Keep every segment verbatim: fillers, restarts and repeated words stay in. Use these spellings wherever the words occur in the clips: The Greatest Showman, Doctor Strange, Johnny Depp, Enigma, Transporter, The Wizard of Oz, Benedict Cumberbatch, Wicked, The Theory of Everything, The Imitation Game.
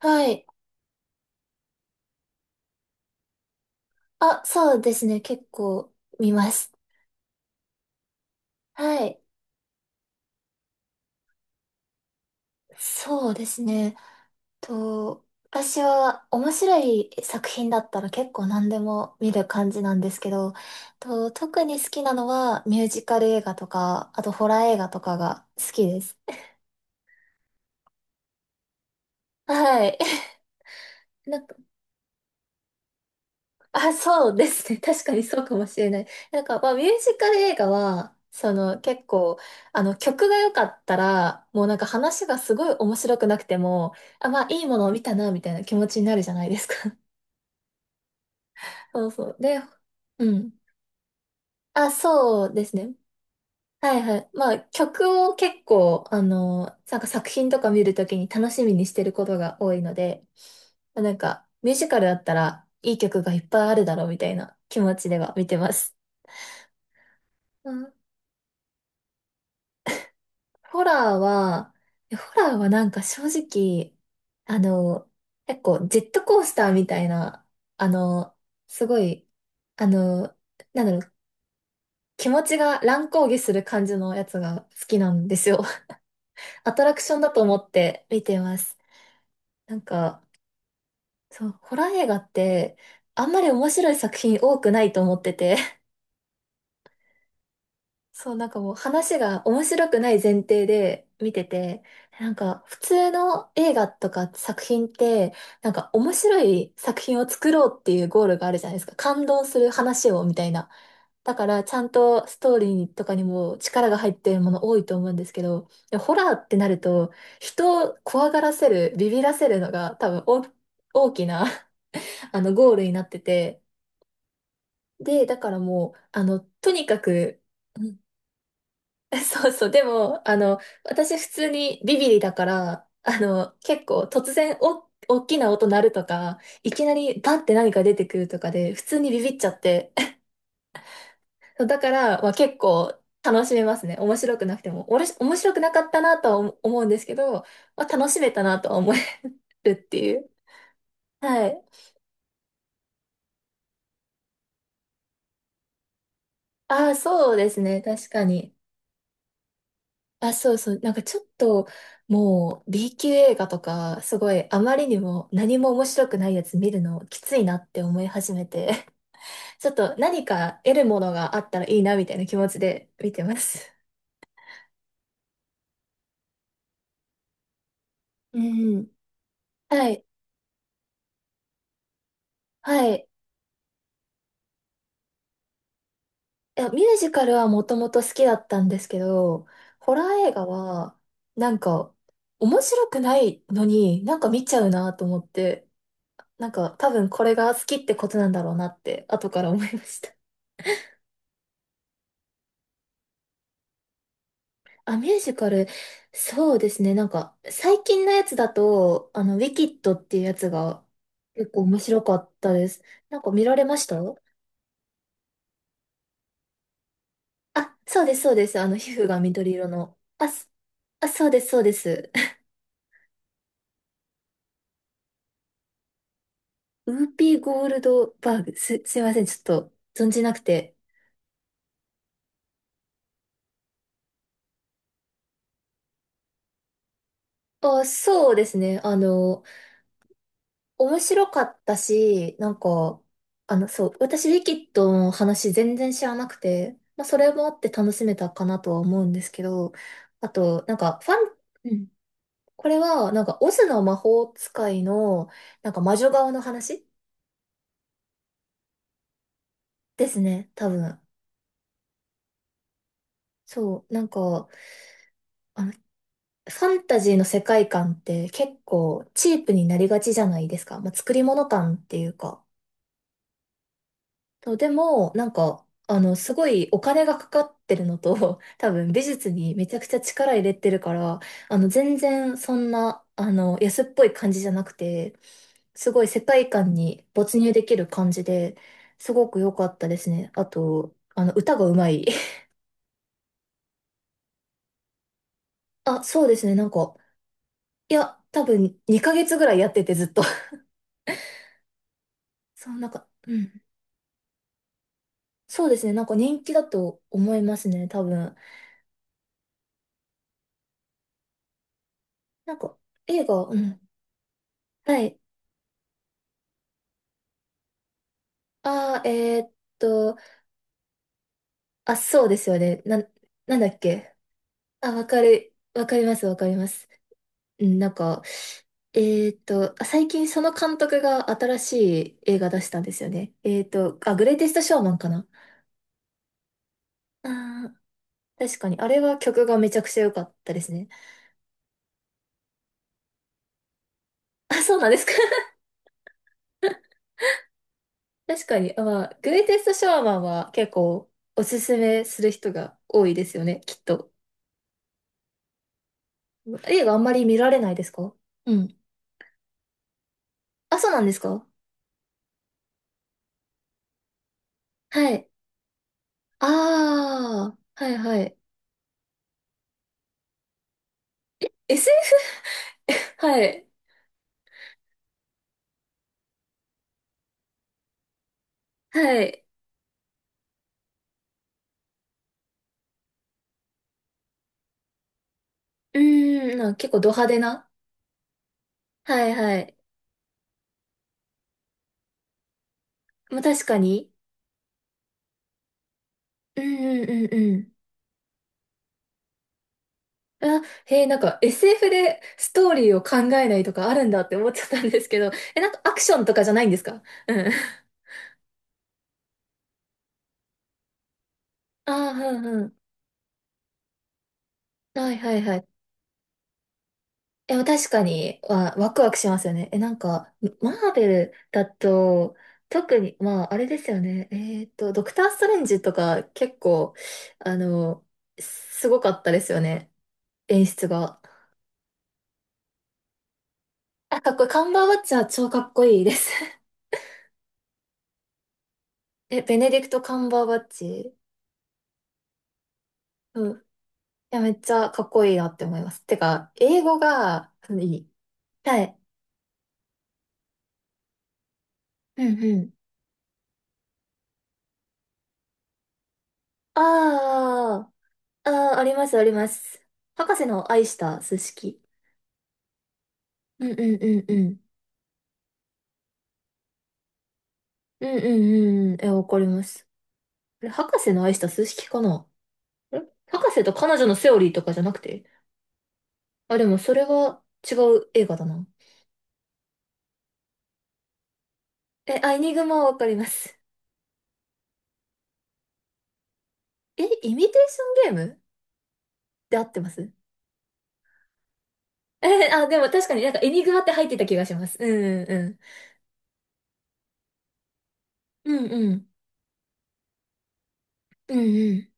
はい。あ、そうですね。結構見ます。はい。そうですね。と、私は面白い作品だったら結構何でも見る感じなんですけど、と、特に好きなのはミュージカル映画とか、あとホラー映画とかが好きです。はい。なんか、あ、そうですね。確かにそうかもしれない。なんか、まあ、ミュージカル映画は、その、結構、あの、曲が良かったら、もうなんか話がすごい面白くなくても、あ、まあ、いいものを見たな、みたいな気持ちになるじゃないですか。そうそう。で、うん。あ、そうですね。はいはい。まあ、曲を結構、あの、なんか作品とか見るときに楽しみにしてることが多いので、まあなんか、ミュージカルだったら、いい曲がいっぱいあるだろう、みたいな気持ちでは見てます。ホラーは、いやホラーはなんか正直、あの、結構ジェットコースターみたいな、あの、すごい、あの、なんだろう、気持ちが乱高下する感じのやつが好きなんですよ。アトラクションだと思って見てます。なんか、そう、ホラー映画って、あんまり面白い作品多くないと思ってて、そう、なんかもう話が面白くない前提で見てて、なんか普通の映画とか作品って、なんか面白い作品を作ろうっていうゴールがあるじゃないですか。感動する話をみたいな。だからちゃんとストーリーとかにも力が入ってるもの多いと思うんですけど、でホラーってなると、人を怖がらせる、ビビらせるのが多分お大きな あのゴールになってて、で、だからもう、あの、とにかく、そうそう。でも、あの、私普通にビビリだから、あの、結構突然お、大きな音鳴るとか、いきなりバンって何か出てくるとかで、普通にビビっちゃって。そうだから、まあ、結構楽しめますね。面白くなくても。おもし面白くなかったなとは思思うんですけど、まあ、楽しめたなとは思えるっていう。はい。ああ、そうですね。確かに。あ、そうそう。なんかちょっと、もう B 級映画とか、すごいあまりにも何も面白くないやつ見るのきついなって思い始めて、ちょっと何か得るものがあったらいいなみたいな気持ちで見てます。うん。はい。はい。いや、ミュージカルはもともと好きだったんですけど、ホラー映画は、なんか、面白くないのになんか見ちゃうなと思って、なんか多分これが好きってことなんだろうなって、後から思いました。あ、ミュージカル、そうですね。なんか、最近のやつだと、あの、ウィキッドっていうやつが結構面白かったです。なんか見られました？あ、そうです、そうです。あの、皮膚が緑色の。あ、すあ、そうです、そうです。ウーピーゴールドバーグ。す、すいません、ちょっと存じなくて。あ、そうですね。あの、面白かったし、なんか、あの、そう、私、ウィキッドの話全然知らなくて、まあ、それもあって楽しめたかなとは思うんですけど、あと、なんか、ファン、うん、これは、なんか、オズの魔法使いの、なんか、魔女側の話ですね、多分。そう、なんか、あの、ファンタジーの世界観って結構チープになりがちじゃないですか。まあ、作り物感っていうか。そう、でも、なんか、あの、すごいお金がかかってるのと、多分美術にめちゃくちゃ力入れてるから、あの、全然そんな、あの、安っぽい感じじゃなくて、すごい世界観に没入できる感じで、すごく良かったですね。あと、あの、歌がうまい。あ、そうですね、なんか、いや、多分にかげつぐらいやっててずっと。そう、なんか、うん。そうですね、なんか人気だと思いますね、多分。なんか、映画、うん。はい。ああ、えーっと、あ、そうですよね。な、なんだっけ。あ、わかる、わかります、わかります。うん、なんか、えーっと、あ最近その監督が新しい映画出したんですよね。えーっと、あ、グレイテストショーマンかな。ああ、確かに。あれは曲がめちゃくちゃ良かったですね。あ、そうなんですか。確かに。あ、まあ、グレイテストショーマンは結構おすすめする人が多いですよね、きっと。映画あんまり見られないですか？うん。あ、そうなんですか？はい。ああ、はいはい。エスエフ？ はい。はい。うーん、なんか結構ド派手な。はいはい。まあ確かに。うんうんうんうん。あ、へえ、なんか エスエフ でストーリーを考えないとかあるんだって思っちゃったんですけど、え、なんかアクションとかじゃないんですか？うん。ああ、うんうん。はいはいはい。え、確かに、わ、ワクワクしますよね。え、なんか、マーベルだと、特に、まあ、あれですよね。えっと、ドクター・ストレンジとか、結構、あの、すごかったですよね。演出が。あ、かっこいい。カンバーバッチは超かっこいいです。え、ベネディクト・カンバーバッチ。うん。いや、めっちゃかっこいいなって思います。てか、英語が、いい。はい。うんうん。ああ、ああ、あります、あります。博士の愛した数式。うんうんうんうん。うんうんうん。え、わかります。あれ、博士の愛した数式かな？あれ博士と彼女のセオリーとかじゃなくて？あ、でもそれは違う映画だな。え、アイニグマはわかります。え、イミテーションゲームで合ってますえ、あ、でも確かになんかエニグマって入ってた気がします。うんうんうん。うんうん。うんうん。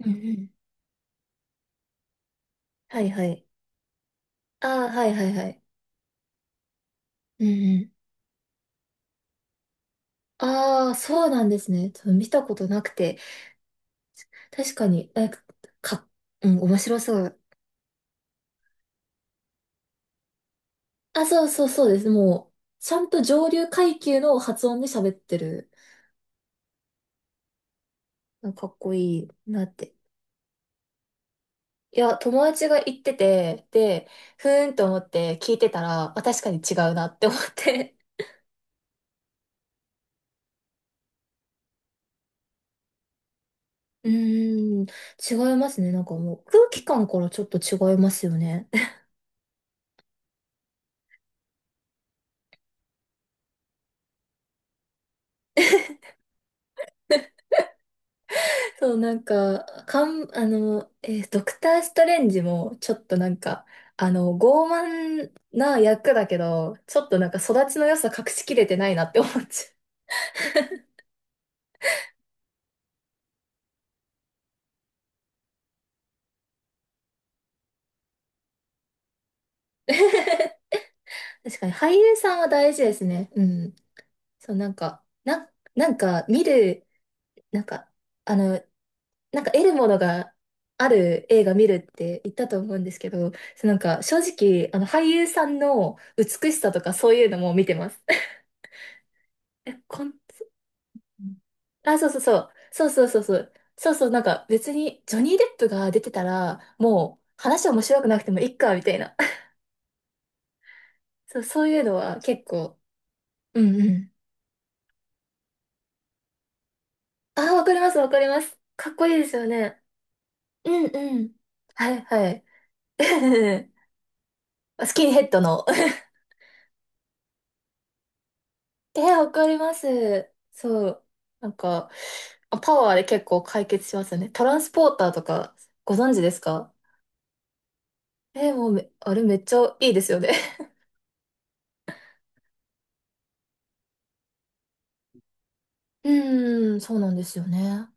うんうん。はいはい。ああ、はいはいはい。うんうん。ああ、そうなんですね。ちょっと見たことなくて。確かに、え、か、うん、面白そう。あ、そうそうそうです。もう、ちゃんと上流階級の発音で喋ってる。なんかかっこいいなって。いや、友達が言ってて、で、ふーんと思って聞いてたら、あ、確かに違うなって思って。うーん、違いますね。なんかもう空気感からちょっと違いますよね。そう、なんか、かん、あの、えードクター・ストレンジも、ちょっとなんか、あの、傲慢な役だけど、ちょっとなんか育ちの良さ隠しきれてないなって思っちゃう。確かに俳優さんは大事ですね。うん。そう、なんか、な、なんか見る、なんか、あの、なんか得るものがある映画見るって言ったと思うんですけど、そうなんか正直、あの俳優さんの美しさとかそういうのも見てます。え、こん、あ、そうそうそう。そうそうそうそう。そうそう、なんか別にジョニー・デップが出てたら、もう話面白くなくてもいいか、みたいな。そう、そういうのは結構。うんうん。あ、わかります、わかります。かっこいいですよね。うんうん。はいはい。スキンヘッドの。えわかります。そう。なんか、あパワーで結構解決しますよね。トランスポーターとか、ご存知ですか？えもうめ、あれめっちゃいいですよね。うーん、そうなんですよね。